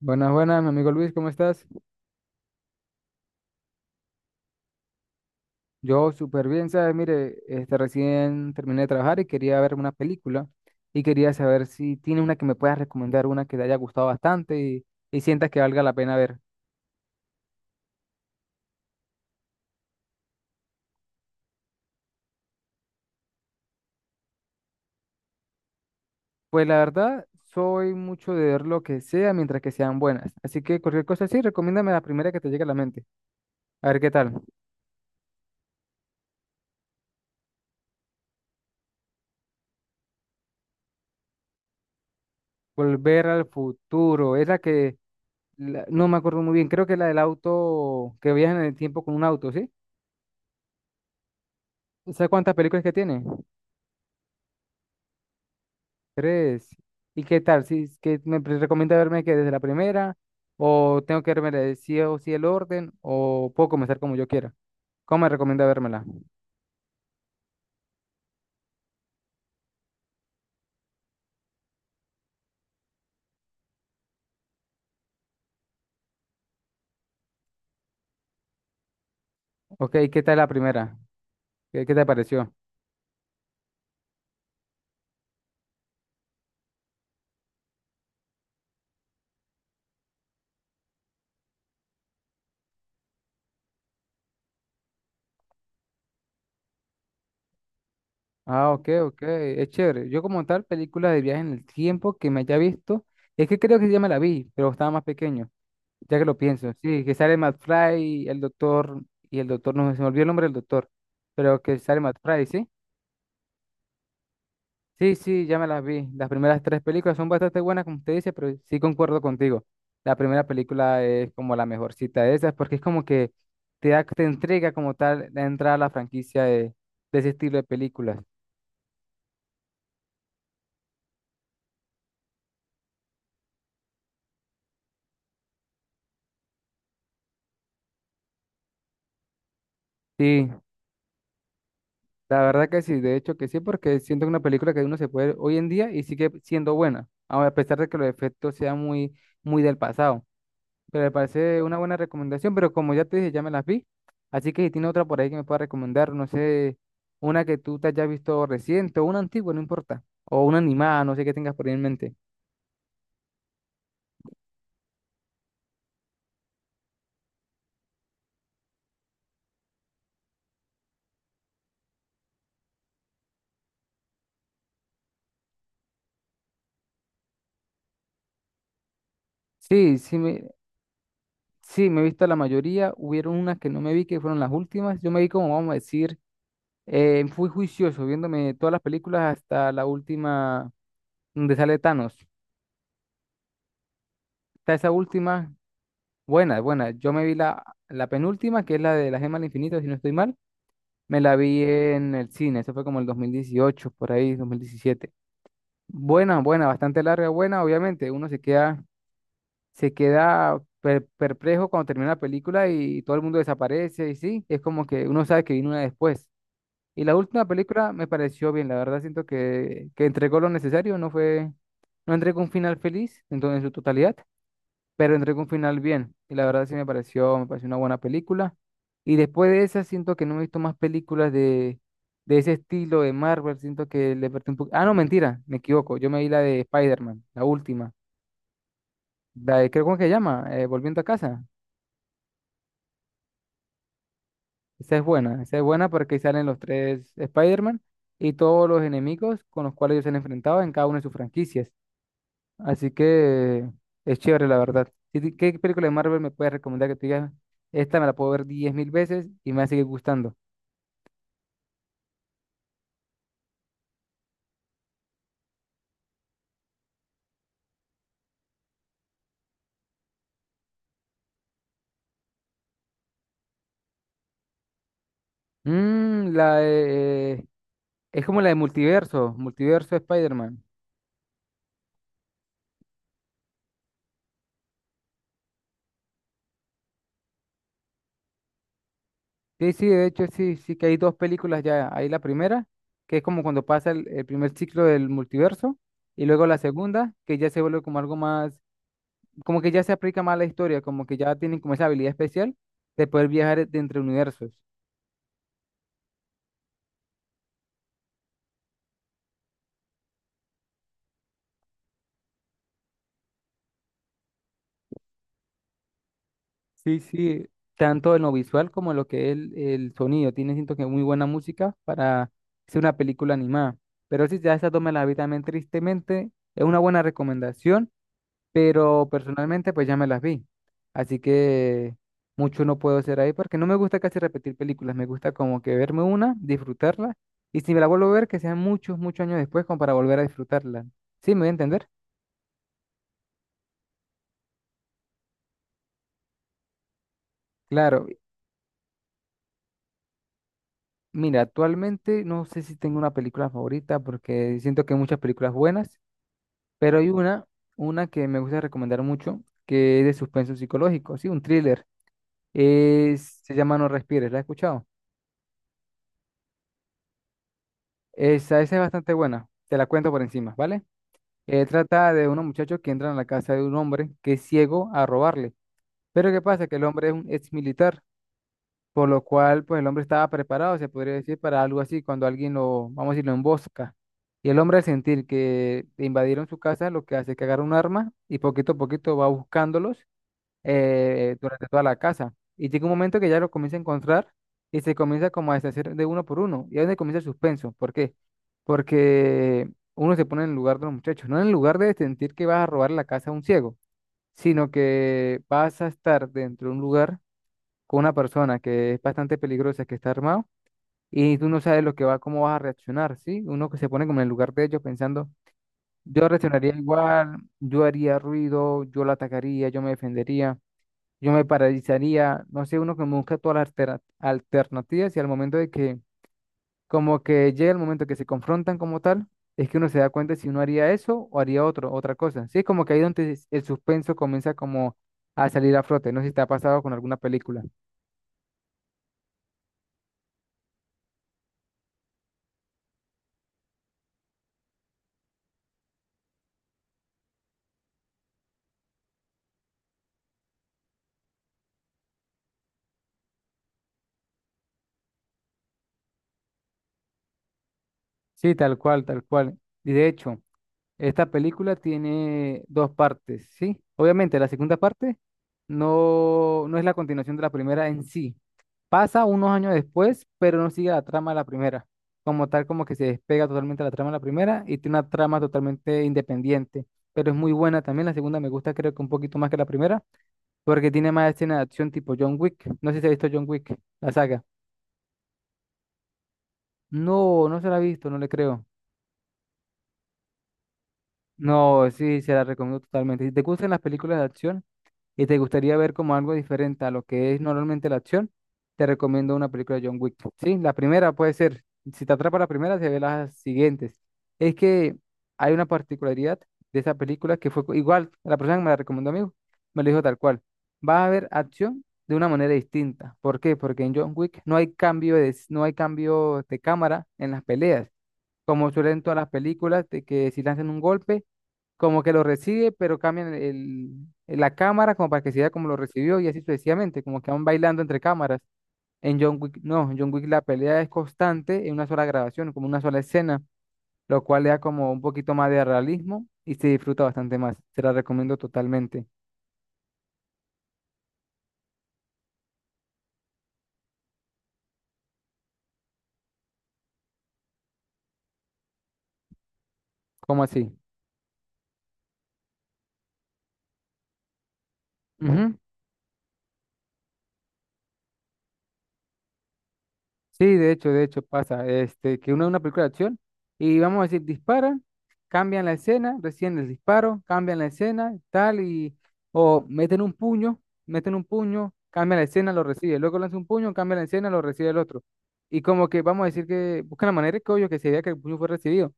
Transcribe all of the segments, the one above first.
Buenas, buenas, mi amigo Luis, ¿cómo estás? Yo súper bien, ¿sabes? Mire, recién terminé de trabajar y quería ver una película y quería saber si tiene una que me puedas recomendar, una que te haya gustado bastante y sientas que valga la pena ver. Pues la verdad, soy mucho de ver lo que sea mientras que sean buenas, así que cualquier cosa sí, recomiéndame la primera que te llegue a la mente. A ver qué tal. Volver al futuro, es la que, no me acuerdo muy bien, creo que la del auto, que viajan en el tiempo con un auto, ¿sí? ¿Sabes cuántas películas que tiene? Tres. ¿Y qué tal? ¿Si es que me recomienda verme que desde la primera? ¿O tengo que verme de sí o sí el orden? ¿O puedo comenzar como yo quiera? ¿Cómo me recomienda vérmela? Ok, ¿qué tal la primera? ¿Qué te pareció? Ah, ok, ok, es chévere. Yo como tal, película de viaje en el tiempo que me haya visto, es que creo que sí ya me la vi, pero estaba más pequeño, ya que lo pienso. Sí, que sale Matt Fry, el doctor, y el doctor, no se me olvidó el nombre del doctor, pero que sale Matt Fry, ¿sí? Sí, sí, ya me las vi. Las primeras tres películas son bastante buenas, como usted dice, pero sí concuerdo contigo. La primera película es como la mejorcita de esas, porque es como que te da, te entrega como tal la entrada a la franquicia de ese estilo de películas. Sí, la verdad que sí, de hecho que sí, porque siento que es una película que uno se puede ver hoy en día y sigue siendo buena, aun a pesar de que los efectos sean muy, muy del pasado. Pero me parece una buena recomendación, pero como ya te dije, ya me las vi. Así que si tiene otra por ahí que me pueda recomendar, no sé, una que tú te hayas visto reciente o una antigua, no importa. O una animada, no sé qué tengas por ahí en mente. Sí, sí me, sí, me he visto la mayoría. Hubieron unas que no me vi, que fueron las últimas. Yo me vi como, vamos a decir, fui juicioso viéndome todas las películas hasta la última donde sale Thanos. Está esa última, buena, buena. Yo me vi la penúltima, que es la de la gema del infinito, si no estoy mal. Me la vi en el cine, eso fue como el 2018, por ahí, 2017. Buena, buena, bastante larga, buena, obviamente. Uno se queda perplejo cuando termina la película y todo el mundo desaparece y sí, es como que uno sabe que vino una después. Y la última película me pareció bien, la verdad siento que entregó lo necesario, no fue, no entregó un final feliz en en su totalidad, pero entré con un final bien. Y la verdad sí me pareció una buena película. Y después de esa siento que no he visto más películas de ese estilo de Marvel. Siento que le perdí un poco. Ah, no, mentira, me equivoco. Yo me vi la de Spider-Man, la última. La de, creo, ¿cómo es que se llama? Volviendo a casa. Esa es buena porque ahí salen los tres Spider-Man y todos los enemigos con los cuales ellos se han enfrentado en cada una de sus franquicias. Así que es chévere, la verdad. Si ti- ¿Qué película de Marvel me puedes recomendar que te digas? Esta me la puedo ver 10.000 veces y me va a seguir gustando. Mm, la de- eh, es como la de Multiverso, Multiverso de Spider-Man. Sí, sí, de hecho, sí, sí que hay dos películas ya. Hay la primera, que es como cuando pasa el primer ciclo del multiverso, y luego la segunda, que ya se vuelve como algo más, como que ya se aplica más a la historia, como que ya tienen como esa habilidad especial de poder viajar de entre universos. Sí, sí, tanto en lo visual como en lo que es el sonido. Tiene, siento que muy buena música para ser una película animada. Pero sí, ya esa dos me las vi también, tristemente. Es una buena recomendación, pero personalmente pues ya me las vi. Así que mucho no puedo hacer ahí porque no me gusta casi repetir películas. Me gusta como que verme una, disfrutarla. Y si me la vuelvo a ver, que sean muchos, muchos años después como para volver a disfrutarla. ¿Sí me voy a entender? Claro. Mira, actualmente no sé si tengo una película favorita porque siento que hay muchas películas buenas, pero hay una que me gusta recomendar mucho, que es de suspenso psicológico, sí, un thriller. Se llama No Respires, ¿la has escuchado? Esa es bastante buena, te la cuento por encima, ¿vale? Trata de unos muchachos que entran a la casa de un hombre que es ciego a robarle, pero ¿qué pasa? Que el hombre es un ex militar. Por lo cual, pues el hombre estaba preparado, se podría decir, para algo así, cuando alguien lo, vamos a decir, lo embosca. Y el hombre al sentir que invadieron su casa, lo que hace es que agarra un arma y poquito a poquito va buscándolos durante toda la casa. Y llega un momento que ya lo comienza a encontrar y se comienza como a deshacer de uno por uno. Y ahí es donde comienza el suspenso. ¿Por qué? Porque uno se pone en el lugar de los muchachos, no en el lugar de sentir que vas a robar la casa a un ciego, sino que vas a estar dentro de un lugar con una persona que es bastante peligrosa, que está armado, y tú no sabes lo que va, cómo vas a reaccionar, ¿sí? Uno que se pone como en el lugar de ellos pensando, yo reaccionaría igual, yo haría ruido, yo la atacaría, yo me defendería, yo me paralizaría, no sé, uno que busca todas las alternativas y al momento de que, como que llega el momento que se confrontan como tal, es que uno se da cuenta si uno haría eso o haría otro, otra cosa, ¿sí? Es como que ahí donde el suspenso comienza como a salir a flote, no sé si te ha pasado con alguna película. Sí, tal cual, tal cual. Y de hecho, esta película tiene dos partes, ¿sí? Obviamente, la segunda parte no, no es la continuación de la primera en sí. Pasa unos años después, pero no sigue la trama de la primera. Como tal, como que se despega totalmente la trama de la primera y tiene una trama totalmente independiente. Pero es muy buena también. La segunda me gusta, creo que un poquito más que la primera, porque tiene más escenas de acción tipo John Wick. No sé si se ha visto John Wick, la saga. No, no se la ha visto, no le creo. No, sí, se la recomiendo totalmente. Si te gustan las películas de acción y te gustaría ver como algo diferente a lo que es normalmente la acción, te recomiendo una película de John Wick. Sí, la primera puede ser, si te atrapa la primera, se ve las siguientes. Es que hay una particularidad de esa película que fue igual, la persona que me la recomendó a mí, me lo dijo tal cual. Vas a ver acción de una manera distinta. ¿Por qué? Porque en John Wick no hay cambio de cámara en las peleas, como suelen todas las películas de que si lanzan un golpe como que lo recibe, pero cambian la cámara como para que se vea como lo recibió y así sucesivamente, como que van bailando entre cámaras. En John Wick, no, en John Wick la pelea es constante en una sola grabación, como una sola escena, lo cual le da como un poquito más de realismo y se disfruta bastante más. Te la recomiendo totalmente. ¿Cómo así? Ujú. Sí, de hecho pasa, que uno ve una película de acción y vamos a decir, disparan, cambian la escena, recién el disparo, cambian la escena, tal, y, o meten un puño, cambian la escena, lo recibe, luego lanza un puño, cambia la escena, lo recibe el otro. Y como que vamos a decir que buscan la manera que obvio que se vea que el puño fue recibido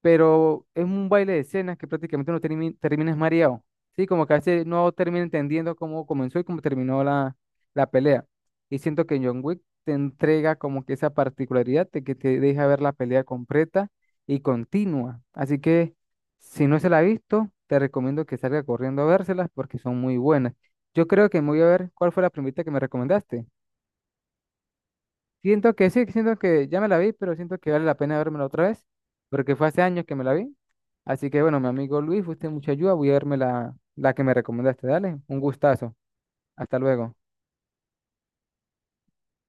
pero es un baile de escenas que prácticamente no terminas mareado. Sí, como que a veces no termina entendiendo cómo comenzó y cómo terminó la pelea. Y siento que John Wick te entrega como que esa particularidad de que te deja ver la pelea completa y continua. Así que si no se la ha visto, te recomiendo que salga corriendo a vérselas porque son muy buenas. Yo creo que me voy a ver cuál fue la primita que me recomendaste. Siento que sí, siento que ya me la vi, pero siento que vale la pena vérmela otra vez, porque fue hace años que me la vi. Así que bueno, mi amigo Luis, fuiste de mucha ayuda, voy a verme la que me recomendaste. Dale, un gustazo. Hasta luego.